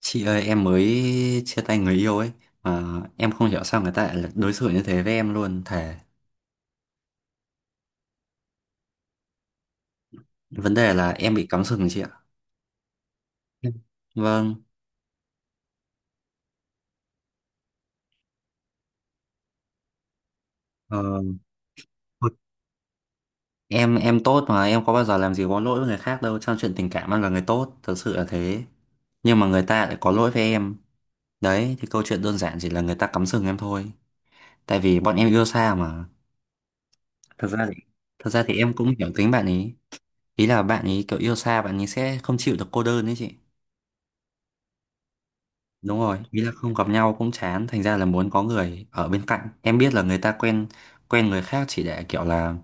Chị ơi, em mới chia tay người yêu ấy mà em không hiểu sao người ta lại là đối xử như thế với em luôn thề. Vấn đề là em bị cắm sừng chị ạ. Vâng. ờ, em tốt mà em có bao giờ làm gì có lỗi với người khác đâu, trong chuyện tình cảm em là người tốt thật sự là thế. Nhưng mà người ta lại có lỗi với em. Đấy thì câu chuyện đơn giản chỉ là người ta cắm sừng em thôi, tại vì bọn em yêu xa mà. Thật ra thì thật ra thì em cũng hiểu tính bạn ấy. Ý là bạn ấy kiểu yêu xa, bạn ấy sẽ không chịu được cô đơn đấy chị. Đúng rồi, ý là không gặp nhau cũng chán, thành ra là muốn có người ở bên cạnh. Em biết là người ta quen quen người khác chỉ để kiểu là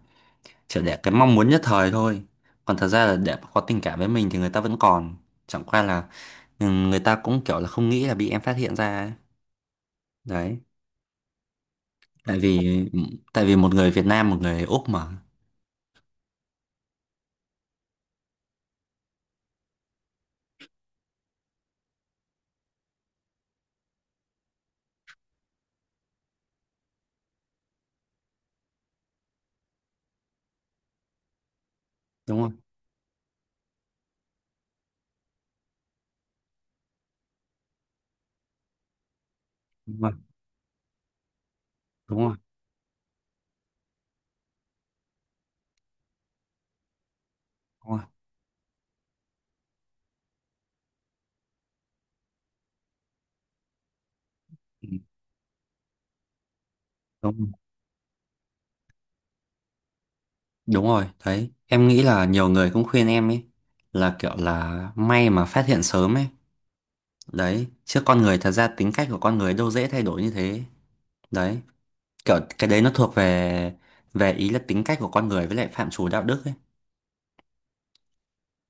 chỉ để cái mong muốn nhất thời thôi. Còn thật ra là để có tình cảm với mình thì người ta vẫn còn. Chẳng qua là, ừ, người ta cũng kiểu là không nghĩ là bị em phát hiện ra ấy. Đấy, tại vì, ừ, tại vì một người Việt Nam, một người Úc mà. Đúng rồi, đúng rồi, đúng rồi, đúng rồi. Ừ, đúng, rồi. Đúng rồi, đấy. Em nghĩ là nhiều người cũng khuyên em ấy là kiểu là may mà phát hiện sớm ấy, đấy chứ con người thật ra tính cách của con người đâu dễ thay đổi như thế. Đấy, kiểu cái đấy nó thuộc về về ý là tính cách của con người với lại phạm trù đạo đức ấy.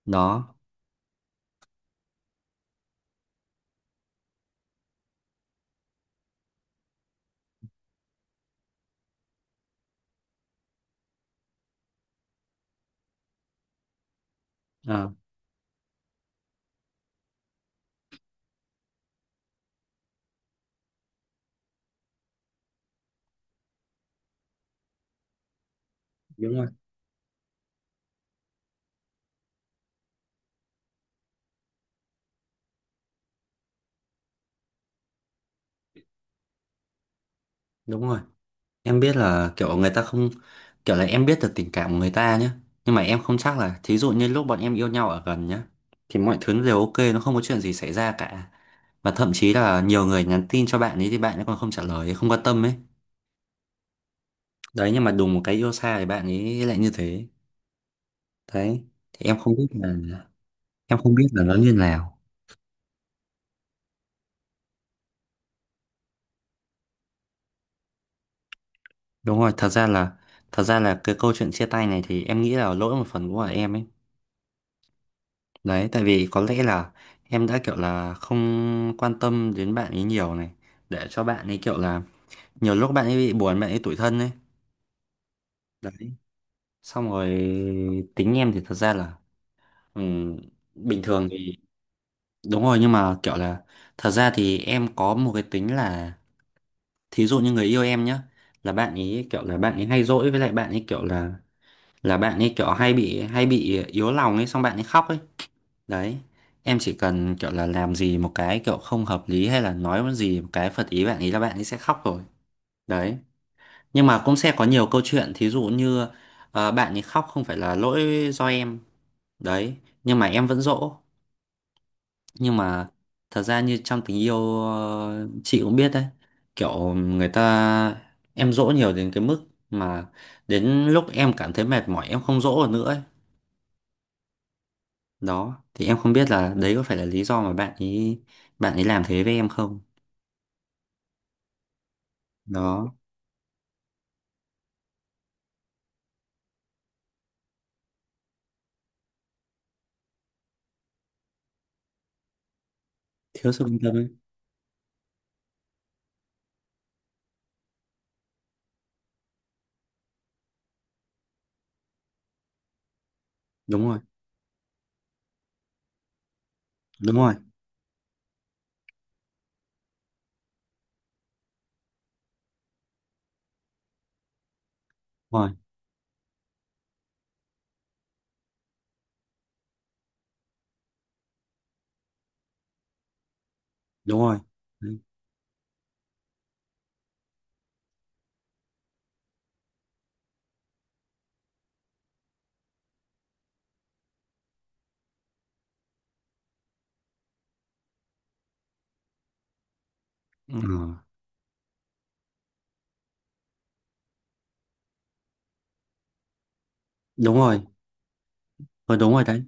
Đó. Ờ, đúng rồi, đúng rồi. Em biết là kiểu người ta không, kiểu là em biết được tình cảm của người ta nhé, nhưng mà em không chắc là thí dụ như lúc bọn em yêu nhau ở gần nhá thì mọi thứ nó đều ok, nó không có chuyện gì xảy ra cả, và thậm chí là nhiều người nhắn tin cho bạn ấy thì bạn ấy còn không trả lời không quan tâm ấy. Đấy, nhưng mà đùng một cái yêu xa thì bạn ấy lại như thế. Đấy thì em không biết là em không biết là nó như nào. Đúng rồi, thật ra là thật ra là cái câu chuyện chia tay này thì em nghĩ là lỗi một phần của em ấy. Đấy tại vì có lẽ là em đã kiểu là không quan tâm đến bạn ấy nhiều này, để cho bạn ấy kiểu là nhiều lúc bạn ấy bị buồn, bạn ấy tủi thân ấy. Đấy, xong rồi tính em thì thật ra là, ừm, bình thường thì. Đúng rồi, nhưng mà kiểu là thật ra thì em có một cái tính là thí dụ như người yêu em nhá, là bạn ấy kiểu là bạn ấy hay dỗi, với lại bạn ấy kiểu là bạn ấy kiểu hay bị yếu lòng ấy, xong bạn ấy khóc ấy. Đấy, em chỉ cần kiểu là làm gì một cái kiểu không hợp lý hay là nói một gì một cái phật ý bạn ấy là bạn ấy sẽ khóc rồi. Đấy, nhưng mà cũng sẽ có nhiều câu chuyện thí dụ như, ờ, bạn ấy khóc không phải là lỗi do em. Đấy nhưng mà em vẫn dỗ. Nhưng mà thật ra như trong tình yêu, ờ, chị cũng biết đấy, kiểu người ta, em dỗ nhiều đến cái mức mà đến lúc em cảm thấy mệt mỏi em không dỗ được nữa ấy. Đó thì em không biết là đấy có phải là lý do mà bạn ấy làm thế với em không. Đó. Thiếu sự quan tâm ấy. Đúng rồi, đúng rồi, đúng rồi, đúng rồi. Đấy. Ừ. Đúng rồi. Ờ đúng rồi đấy.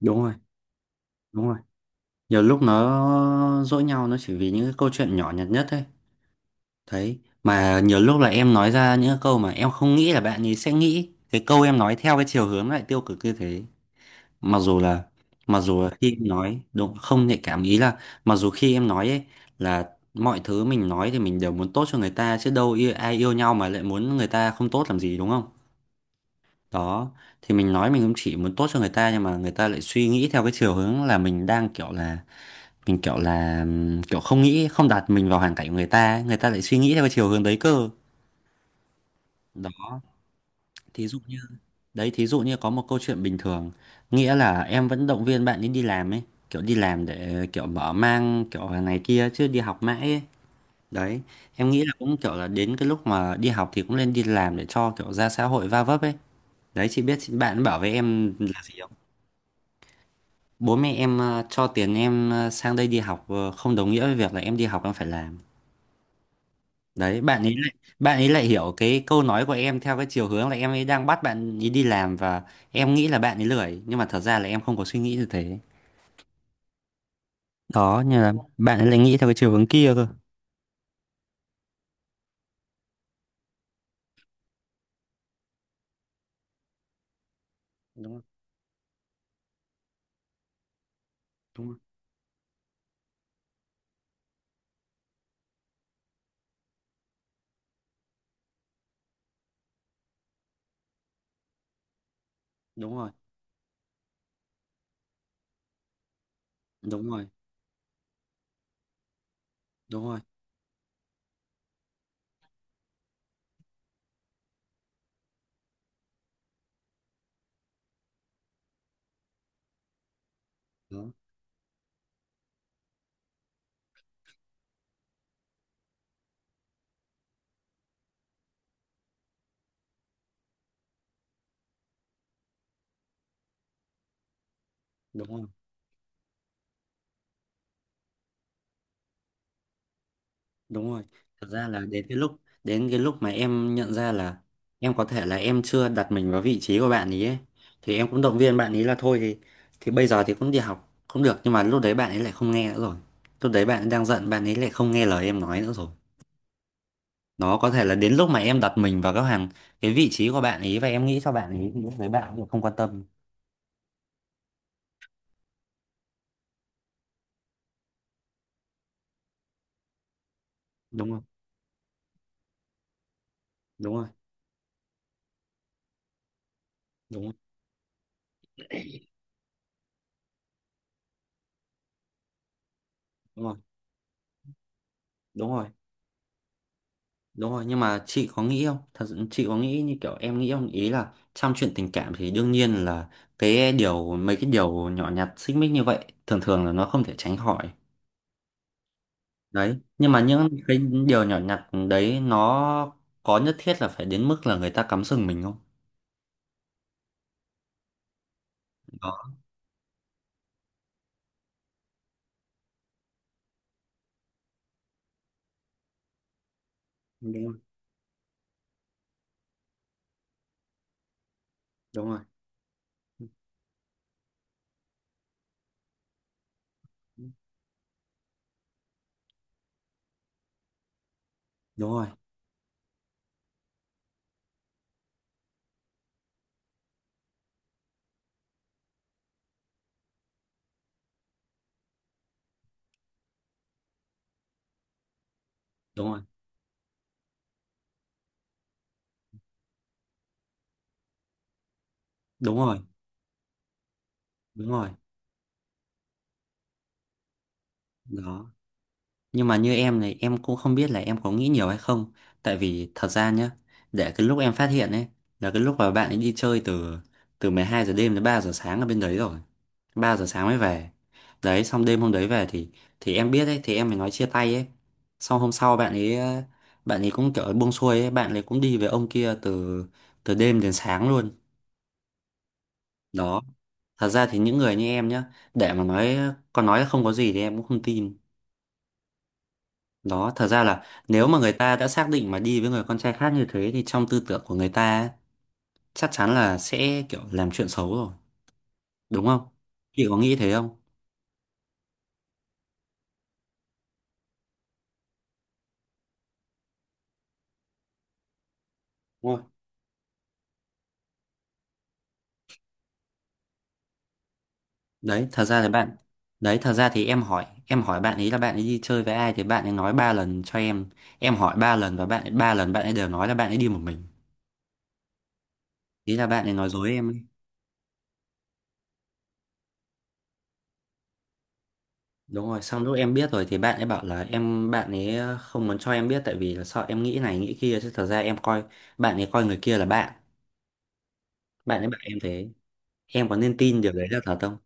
Đúng rồi, đúng rồi, nhiều lúc nó dỗi nhau nó chỉ vì những cái câu chuyện nhỏ nhặt nhất ấy. Đấy mà nhiều lúc là em nói ra những cái câu mà em không nghĩ là bạn ấy sẽ nghĩ cái câu em nói theo cái chiều hướng lại tiêu cực như thế. Mặc dù là mặc dù là khi em nói đúng không nhạy cảm ý là mặc dù khi em nói ấy, là mọi thứ mình nói thì mình đều muốn tốt cho người ta chứ đâu yêu, ai yêu nhau mà lại muốn người ta không tốt làm gì đúng không. Đó thì mình nói mình cũng chỉ muốn tốt cho người ta, nhưng mà người ta lại suy nghĩ theo cái chiều hướng là mình đang kiểu là mình kiểu là, kiểu không nghĩ không đặt mình vào hoàn cảnh của người ta ấy. Người ta lại suy nghĩ theo cái chiều hướng đấy cơ. Đó. Thí dụ như, đấy, thí dụ như có một câu chuyện bình thường, nghĩa là em vẫn động viên bạn ấy đi làm ấy, kiểu đi làm để kiểu mở mang kiểu này kia chứ đi học mãi ấy. Đấy, em nghĩ là cũng kiểu là đến cái lúc mà đi học thì cũng nên đi làm để cho kiểu ra xã hội va vấp ấy. Đấy, chị biết bạn bảo với em là gì không? Bố mẹ em, cho tiền em, sang đây đi học, không đồng nghĩa với việc là em đi học em phải làm. Đấy bạn ấy lại hiểu cái câu nói của em theo cái chiều hướng là em ấy đang bắt bạn ấy đi làm và em nghĩ là bạn ấy lười, nhưng mà thật ra là em không có suy nghĩ như thế. Đó, như là bạn ấy lại nghĩ theo cái chiều hướng kia cơ. Đúng rồi, đúng rồi, đúng rồi, đúng rồi, đúng rồi, đúng, đúng rồi. Đúng rồi. Thật ra là đến cái lúc mà em nhận ra là em có thể là em chưa đặt mình vào vị trí của bạn ấy, ấy, thì em cũng động viên bạn ấy là thôi thì bây giờ thì cũng đi học cũng được, nhưng mà lúc đấy bạn ấy lại không nghe nữa rồi. Lúc đấy bạn ấy đang giận, bạn ấy lại không nghe lời em nói nữa rồi. Nó có thể là đến lúc mà em đặt mình vào cái hàng cái vị trí của bạn ấy và em nghĩ cho bạn ấy thì lúc đấy bạn ấy cũng không quan tâm. Đúng không? Đúng rồi. Đúng rồi. Đúng rồi. Đúng rồi. Đúng rồi, nhưng mà chị có nghĩ không? Thật sự chị có nghĩ như kiểu em nghĩ không? Ý là trong chuyện tình cảm thì đương nhiên là cái điều, mấy cái điều nhỏ nhặt xích mích như vậy thường thường là nó không thể tránh khỏi. Đấy, nhưng mà những cái điều nhỏ nhặt đấy nó có nhất thiết là phải đến mức là người ta cắm sừng mình không? Đó, đúng rồi, đúng rồi, đúng rồi, đúng rồi, đúng rồi, đúng rồi. Đó. Nhưng mà như em này, em cũng không biết là em có nghĩ nhiều hay không. Tại vì thật ra nhá, để cái lúc em phát hiện ấy, là cái lúc mà bạn ấy đi chơi từ, từ 12 giờ đêm đến 3 giờ sáng ở bên đấy rồi, 3 giờ sáng mới về. Đấy xong đêm hôm đấy về thì em biết ấy thì em mới nói chia tay ấy. Xong hôm sau bạn ấy, bạn ấy cũng kiểu buông xuôi ấy, bạn ấy cũng đi với ông kia từ, từ đêm đến sáng luôn. Đó. Thật ra thì những người như em nhá, để mà nói, còn nói là không có gì thì em cũng không tin. Đó, thật ra là nếu mà người ta đã xác định mà đi với người con trai khác như thế thì trong tư tưởng của người ta ấy, chắc chắn là sẽ kiểu làm chuyện xấu rồi, đúng không? Chị có nghĩ thế không? Đúng rồi. Đấy, thật ra thì bạn, đấy, thật ra thì em hỏi bạn ấy là bạn ấy đi chơi với ai thì bạn ấy nói ba lần cho em. Em hỏi ba lần và bạn ấy ba lần bạn ấy đều nói là bạn ấy đi một mình. Ý là bạn ấy nói dối em ấy. Đúng rồi, xong lúc em biết rồi thì bạn ấy bảo là em bạn ấy, không muốn cho em biết tại vì là sợ em nghĩ này nghĩ kia chứ thật ra em coi bạn ấy coi người kia là bạn. Bạn ấy bảo em thế. Em có nên tin điều đấy là thật không?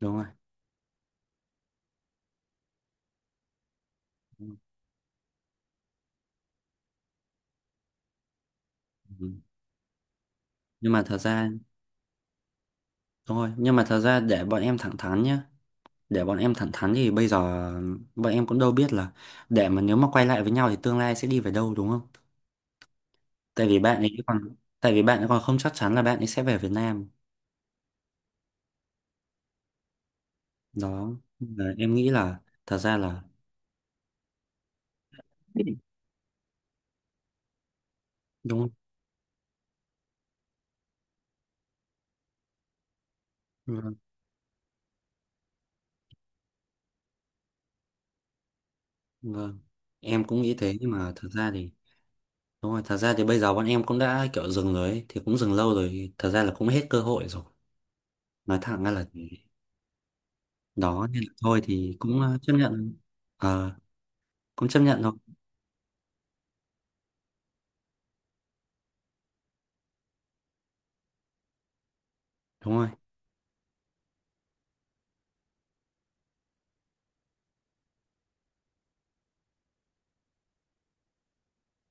Đúng rồi. Ừ. Nhưng mà thật ra, thôi nhưng mà thật ra để bọn em thẳng thắn nhá, để bọn em thẳng thắn thì bây giờ bọn em cũng đâu biết là để mà nếu mà quay lại với nhau thì tương lai sẽ đi về đâu đúng không. Tại vì bạn ấy còn tại vì bạn ấy còn không chắc chắn là bạn ấy sẽ về Việt Nam. Đó. Và em nghĩ là thật ra là, đúng không? Vâng, vâng. Em cũng nghĩ thế nhưng mà thật ra thì đúng rồi, thật ra thì bây giờ bọn em cũng đã kiểu dừng rồi ấy, thì cũng dừng lâu rồi, thật ra là cũng hết cơ hội rồi. Nói thẳng ra là, đó, nên là thôi thì cũng, chấp nhận. Ờ, cũng chấp nhận thôi. Đúng rồi,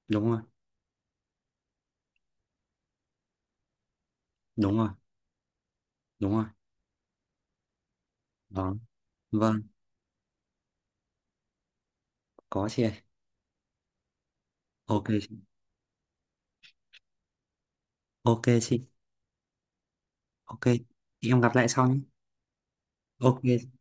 đúng rồi, đúng rồi, đúng rồi. Đó. Vâng, có chị ơi. Ok chị. Ok chị. Ok. Em gặp lại sau nhé. Ok.